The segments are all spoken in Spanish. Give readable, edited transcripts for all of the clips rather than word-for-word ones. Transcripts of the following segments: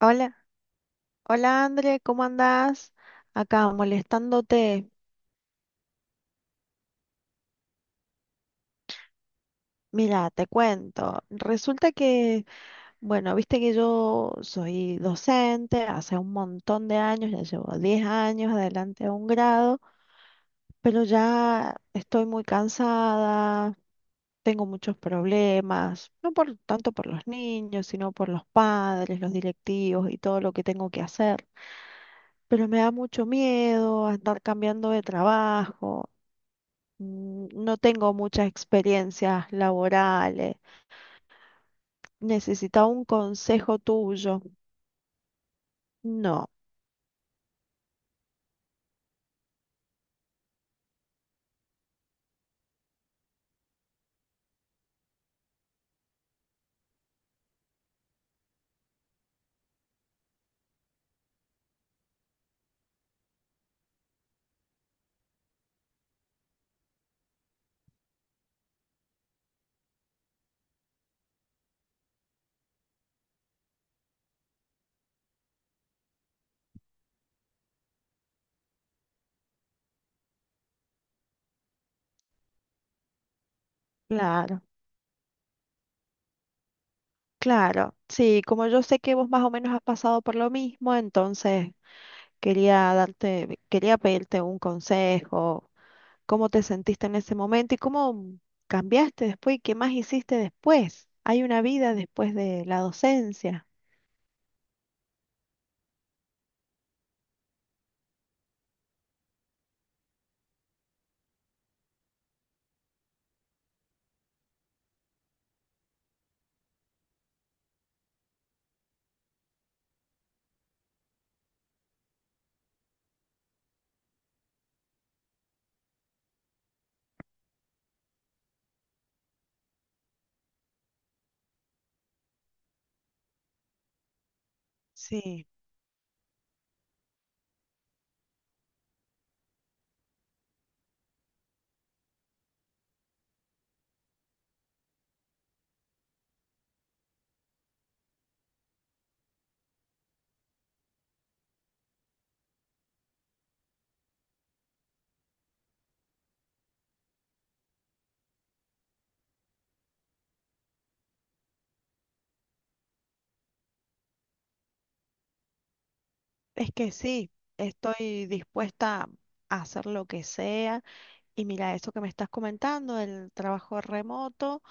Hola, hola André, ¿cómo andás? Acá molestándote. Mira, te cuento. Resulta que, bueno, viste que yo soy docente hace un montón de años, ya llevo 10 años adelante de un grado, pero ya estoy muy cansada, tengo muchos problemas, no por tanto por los niños, sino por los padres, los directivos y todo lo que tengo que hacer. Pero me da mucho miedo a estar cambiando de trabajo. No tengo muchas experiencias laborales. Necesitaba un consejo tuyo. No, claro, claro. Sí, como yo sé que vos más o menos has pasado por lo mismo, entonces quería darte, quería pedirte un consejo, cómo te sentiste en ese momento y cómo cambiaste después y qué más hiciste después. Hay una vida después de la docencia. Sí, es que sí, estoy dispuesta a hacer lo que sea. Y mira, eso que me estás comentando, el trabajo remoto,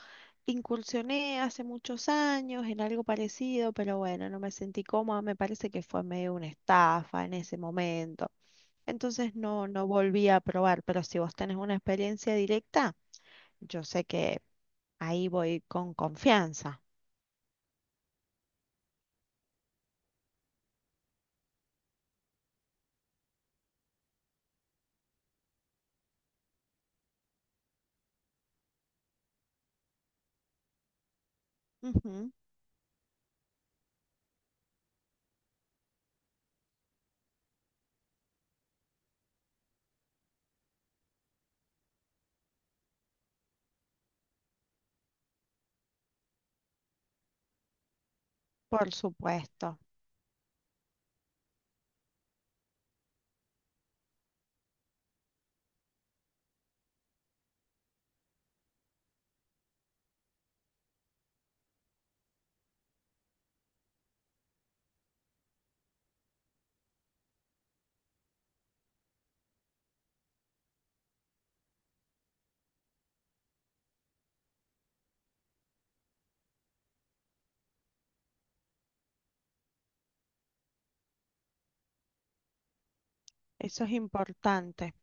incursioné hace muchos años en algo parecido, pero bueno, no me sentí cómoda, me parece que fue medio una estafa en ese momento. Entonces no, no volví a probar, pero si vos tenés una experiencia directa, yo sé que ahí voy con confianza. Ujú, por supuesto, eso es importante.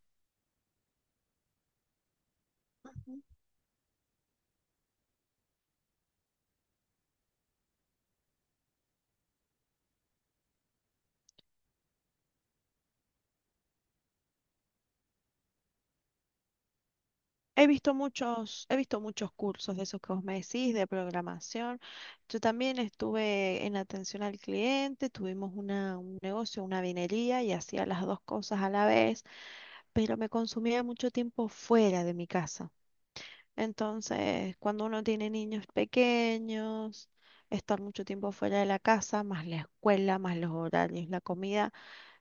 Ujú. He visto muchos cursos de esos que vos me decís, de programación. Yo también estuve en atención al cliente, tuvimos un negocio, una vinería y hacía las dos cosas a la vez, pero me consumía mucho tiempo fuera de mi casa. Entonces, cuando uno tiene niños pequeños, estar mucho tiempo fuera de la casa, más la escuela, más los horarios, la comida.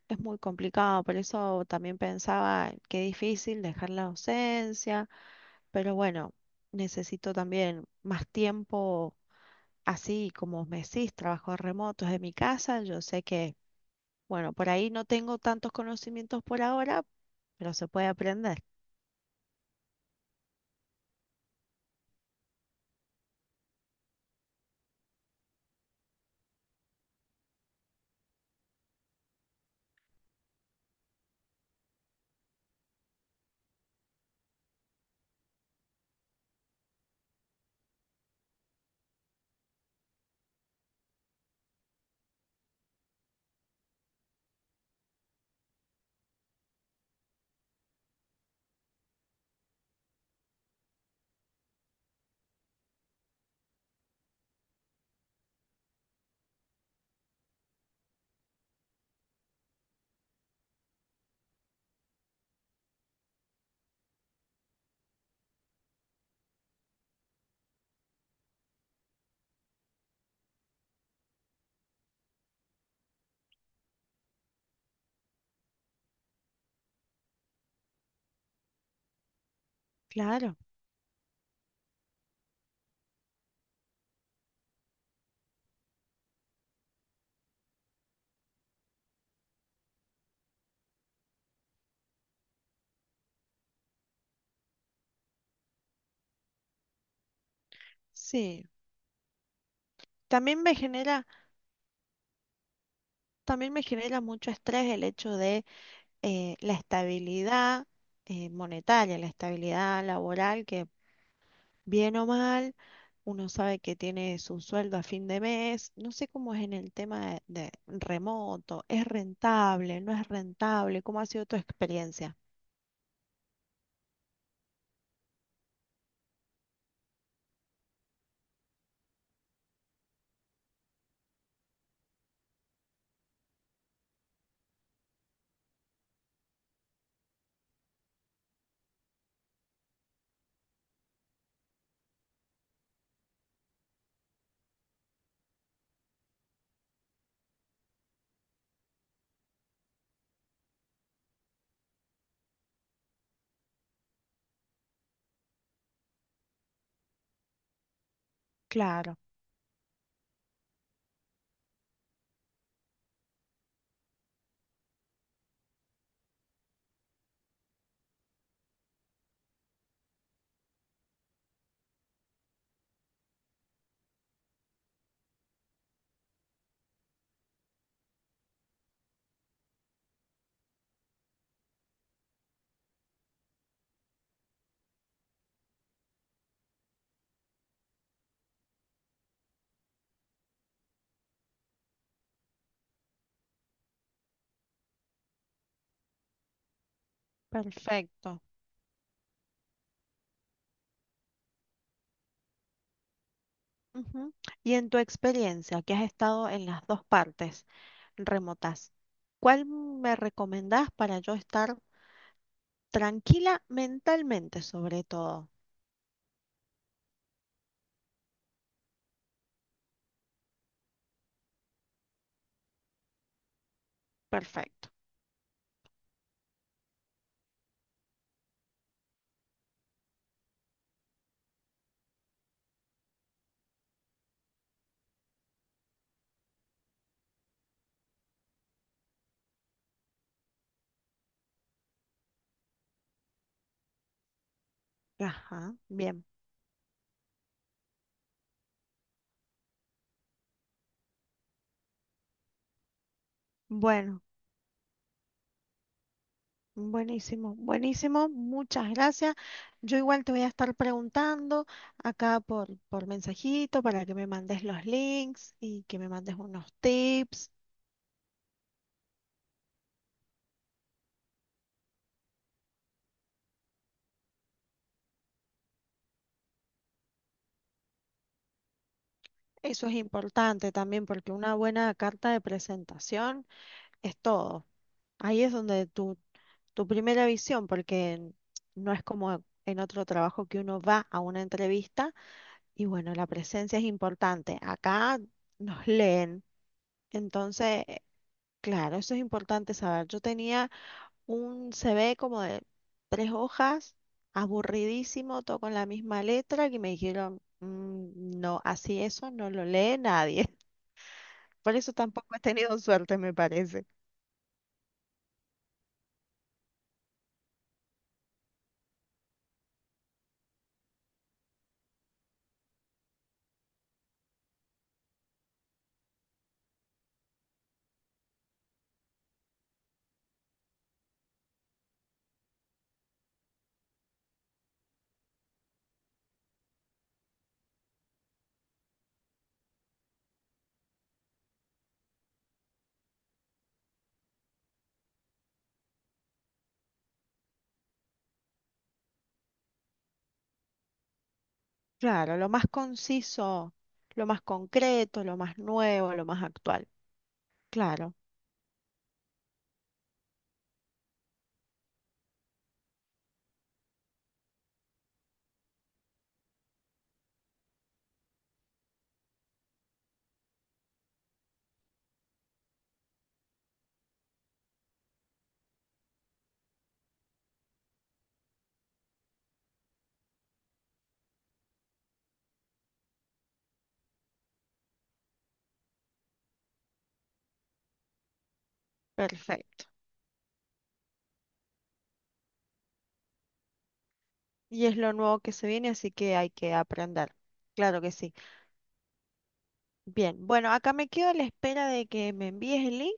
Es muy complicado, por eso también pensaba qué difícil dejar la docencia, pero bueno, necesito también más tiempo, así como me decís, trabajos remotos de mi casa, yo sé que, bueno, por ahí no tengo tantos conocimientos por ahora, pero se puede aprender. Claro, sí. También me genera, también me genera mucho estrés el hecho de la estabilidad monetaria, la estabilidad laboral, que, bien o mal, uno sabe que tiene su sueldo a fin de mes. No sé cómo es en el tema de remoto. ¿Es rentable? ¿No es rentable? ¿Cómo ha sido tu experiencia? Claro, perfecto. Ujú. Y en tu experiencia, que has estado en las dos partes remotas, ¿cuál me recomendás para yo estar tranquila mentalmente sobre todo? Perfecto. Ajá, bien. Bueno. Buenísimo, buenísimo, muchas gracias. Yo igual te voy a estar preguntando acá por mensajito para que me mandes los links y que me mandes unos tips. Eso es importante también porque una buena carta de presentación es todo. Ahí es donde tu primera visión, porque no es como en otro trabajo que uno va a una entrevista y bueno, la presencia es importante. Acá nos leen. Entonces, claro, eso es importante saber. Yo tenía un CV como de tres hojas, aburridísimo, todo con la misma letra, y me dijeron, "Mm, no, así eso no lo lee nadie". Por eso tampoco he tenido suerte, me parece. Claro, lo más conciso, lo más concreto, lo más nuevo, lo más actual. Claro, perfecto. Y es lo nuevo que se viene, así que hay que aprender. Claro que sí. Bien, bueno, acá me quedo a la espera de que me envíes el link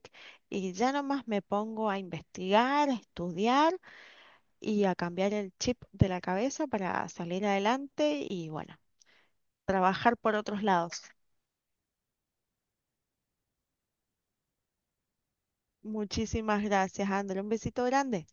y ya nomás me pongo a investigar, a estudiar y a cambiar el chip de la cabeza para salir adelante y bueno, trabajar por otros lados. Muchísimas gracias, André. Un besito grande.